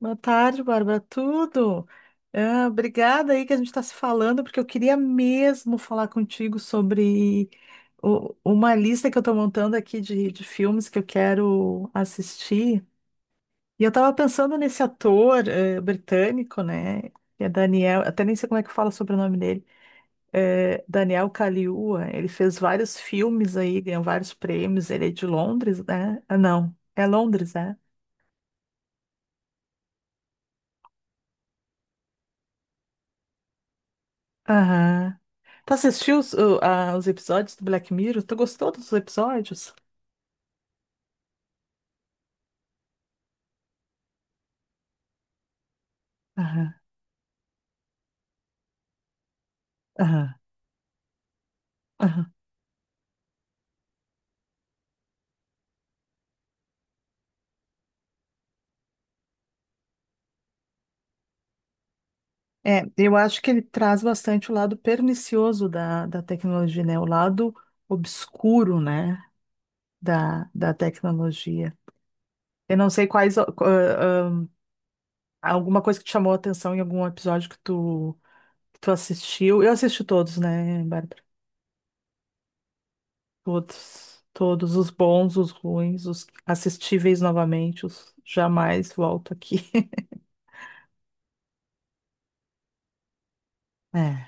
Boa tarde, Bárbara. Tudo? Ah, obrigada aí que a gente está se falando, porque eu queria mesmo falar contigo sobre uma lista que eu estou montando aqui de filmes que eu quero assistir. E eu estava pensando nesse ator britânico, né? Que é Daniel, até nem sei como é que fala sobre o sobrenome dele. Daniel Kaluuya. Ele fez vários filmes aí, ganhou vários prêmios. Ele é de Londres, né? Ah, não, é Londres, né? Aham. Tá assistindo os episódios do Black Mirror? Tu gostou dos episódios? Aham, aham, aham. É, eu acho que ele traz bastante o lado pernicioso da tecnologia, né? O lado obscuro, né? Da tecnologia. Eu não sei quais, ó, alguma coisa que te chamou a atenção em algum episódio que tu assistiu. Eu assisti todos, né, Bárbara? Todos. Todos os bons, os ruins, os assistíveis novamente, os jamais volto aqui. É.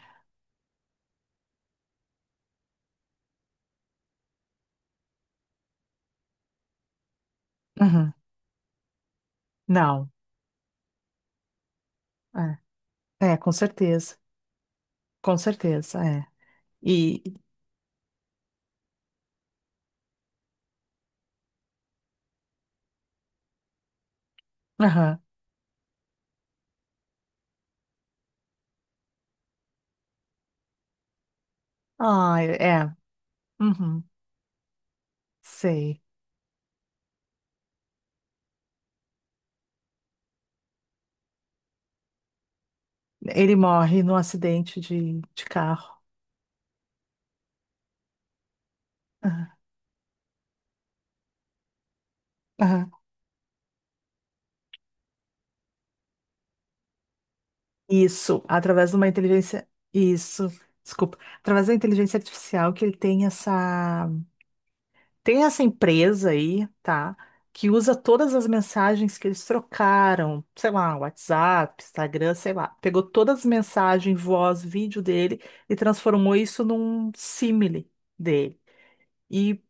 Uhum. Não, é, é, com certeza, é. E, aham, ah, é, uhum, sei. Ele morre num acidente de carro. Aham, aham. Isso, através de uma inteligência, isso, desculpa, através da inteligência artificial que ele tem essa. Tem essa empresa aí, tá? Que usa todas as mensagens que eles trocaram, sei lá, WhatsApp, Instagram, sei lá. Pegou todas as mensagens, voz, vídeo dele e transformou isso num símile dele. E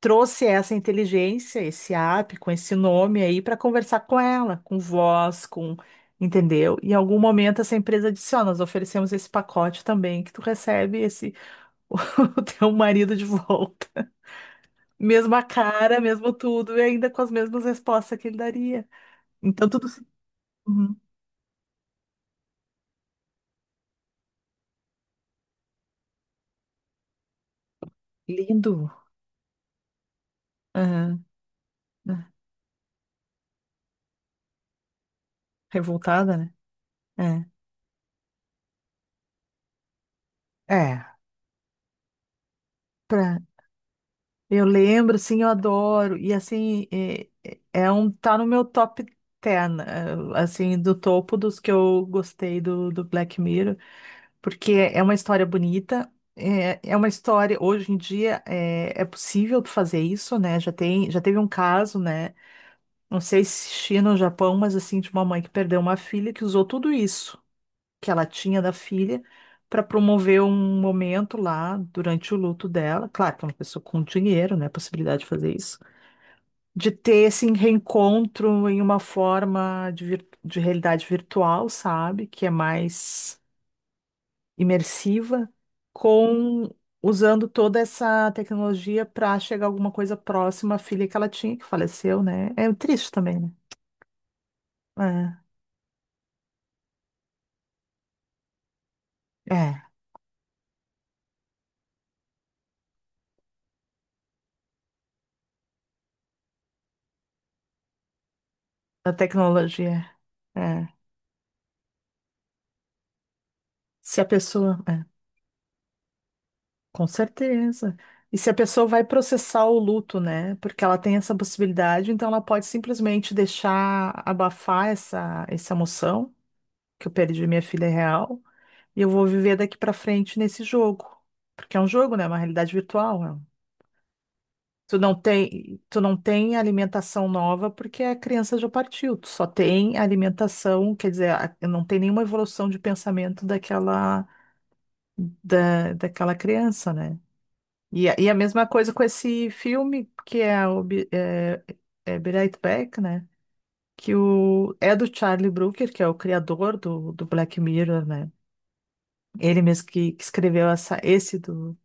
trouxe essa inteligência, esse app com esse nome aí para conversar com ela, com voz, com. Entendeu? Em algum momento essa empresa disse: Ó, nós oferecemos esse pacote também, que tu recebe esse o teu marido de volta. Mesma cara, mesmo tudo, e ainda com as mesmas respostas que ele daria. Então, tudo. Uhum. Lindo. Aham. Ah, Revoltada, né? É. É. Pra... Eu lembro, sim, eu adoro. E assim, é, é um. Tá no meu top 10, assim, do topo dos que eu gostei do Black Mirror, porque é uma história bonita. É, é uma história, hoje em dia é, é possível tu fazer isso, né? Já tem, já teve um caso, né? Não sei se China ou Japão, mas assim, de uma mãe que perdeu uma filha que usou tudo isso que ela tinha da filha para promover um momento lá durante o luto dela. Claro que é uma pessoa com dinheiro, né? Possibilidade de fazer isso. De ter esse reencontro em uma forma de, de realidade virtual, sabe? Que é mais imersiva, com usando toda essa tecnologia para chegar a alguma coisa próxima à filha que ela tinha, que faleceu, né? É triste também, né? É. É. Da tecnologia. É. Se a pessoa. É, com certeza. E se a pessoa vai processar o luto, né? Porque ela tem essa possibilidade, então ela pode simplesmente deixar abafar essa emoção, que eu perdi minha filha real, e eu vou viver daqui pra frente nesse jogo. Porque é um jogo, né? É uma realidade virtual. Né? Tu não tem alimentação nova porque a criança já partiu. Tu só tem alimentação, quer dizer, não tem nenhuma evolução de pensamento daquela daquela criança, né? E, e a mesma coisa com esse filme que é, o, é Be Right Back, né? Que o, é do Charlie Brooker, que é o criador do Black Mirror, né? Ele mesmo que escreveu essa, esse do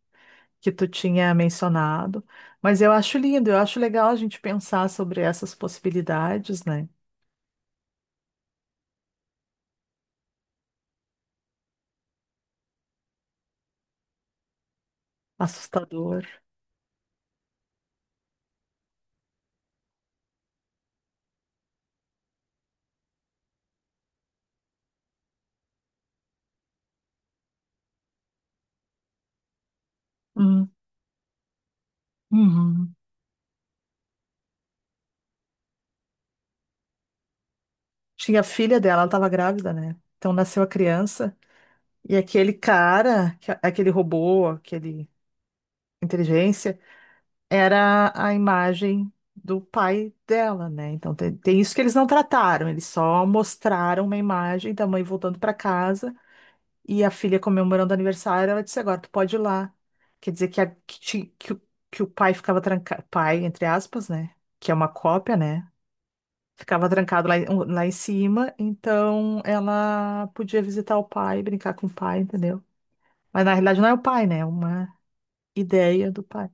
que tu tinha mencionado. Mas eu acho lindo, eu acho legal a gente pensar sobre essas possibilidades, né? Assustador. Hum, uhum. Tinha a filha dela, ela estava grávida, né? Então nasceu a criança. E aquele cara, aquele robô, aquele inteligência, era a imagem do pai dela, né? Então tem isso que eles não trataram, eles só mostraram uma imagem da mãe voltando para casa e a filha comemorando o aniversário. Ela disse: Agora tu pode ir lá. Quer dizer que, que o pai ficava trancado, pai, entre aspas, né? Que é uma cópia, né? Ficava trancado lá, lá em cima, então ela podia visitar o pai, brincar com o pai, entendeu? Mas na realidade não é o pai, né? É uma ideia do pai.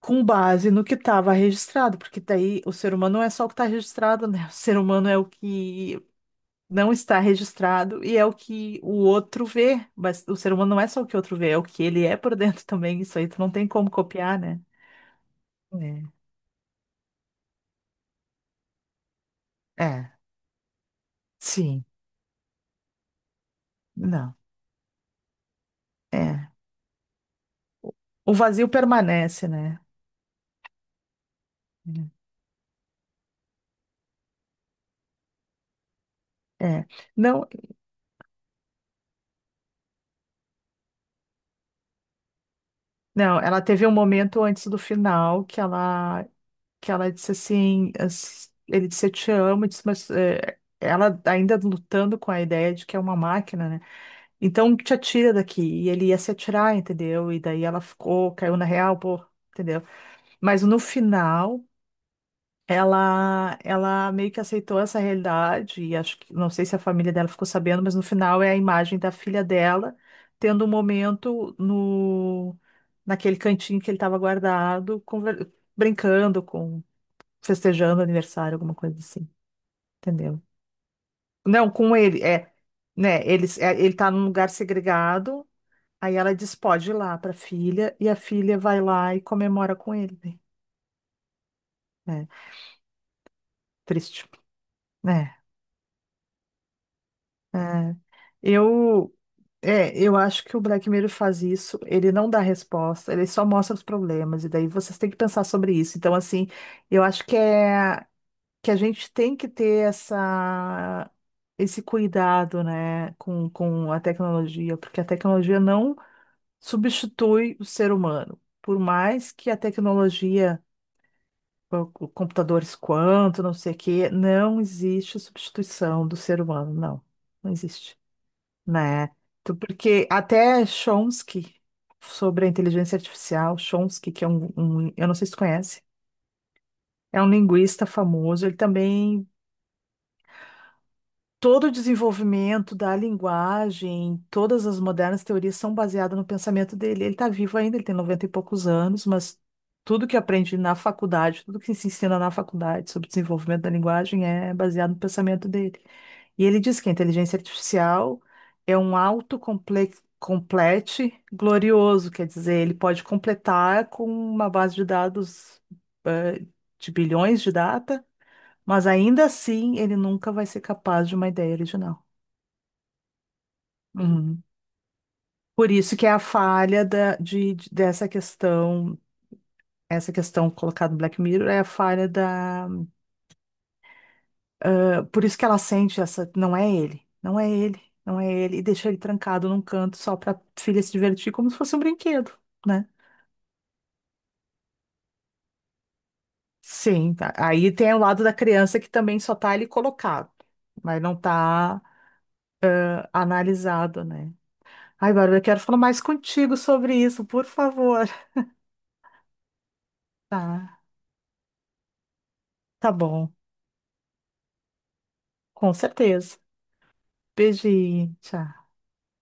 Com base no que estava registrado, porque daí o ser humano não é só o que está registrado, né? O ser humano é o que não está registrado e é o que o outro vê. Mas o ser humano não é só o que o outro vê, é o que ele é por dentro também. Isso aí tu não tem como copiar, né? É. É. Sim. Não. É. O vazio permanece, né? É. Não, não, ela teve um momento antes do final que ela disse assim, ele disse, eu te amo, disse, mas é, ela ainda lutando com a ideia de que é uma máquina, né? Então te atira daqui. E ele ia se atirar, entendeu? E daí ela ficou, caiu na real, pô, entendeu? Mas no final. Ela meio que aceitou essa realidade, e acho que, não sei se a família dela ficou sabendo, mas no final é a imagem da filha dela tendo um momento no, naquele cantinho que ele estava guardado, brincando com festejando aniversário, alguma coisa assim, entendeu? Não, com ele, é, né, eles, é, ele tá num lugar segregado, aí ela diz, pode ir lá pra filha, e a filha vai lá e comemora com ele, né? É, triste, né? É. Eu, é, eu acho que o Black Mirror faz isso, ele não dá resposta, ele só mostra os problemas, e daí vocês têm que pensar sobre isso. Então, assim, eu acho que é. Que a gente tem que ter essa, esse cuidado, né, com a tecnologia, porque a tecnologia não substitui o ser humano. Por mais que a tecnologia, o computadores quanto, não sei o quê, não existe substituição do ser humano, não, não existe, né? Porque até Chomsky, sobre a inteligência artificial, Chomsky, que é eu não sei se tu conhece, é um linguista famoso, ele também todo o desenvolvimento da linguagem, todas as modernas teorias são baseadas no pensamento dele. Ele está vivo ainda, ele tem 90 e poucos anos, mas tudo que aprende na faculdade, tudo que se ensina na faculdade sobre desenvolvimento da linguagem é baseado no pensamento dele. E ele diz que a inteligência artificial é um autocomplete complete glorioso, quer dizer, ele pode completar com uma base de dados, eh, de bilhões de dados, mas ainda assim, ele nunca vai ser capaz de uma ideia original. Uhum. Por isso que é a falha da, dessa questão, essa questão colocada no Black Mirror é a falha da. Por isso que ela sente essa. Não é ele, não é ele, não é ele. E deixa ele trancado num canto só para filha se divertir como se fosse um brinquedo, né? Sim, tá. Aí tem o lado da criança que também só tá ali colocado, mas não tá analisado, né? Ai, Bárbara, eu quero falar mais contigo sobre isso, por favor. Tá. Tá bom, com certeza. Beijinho, tchau.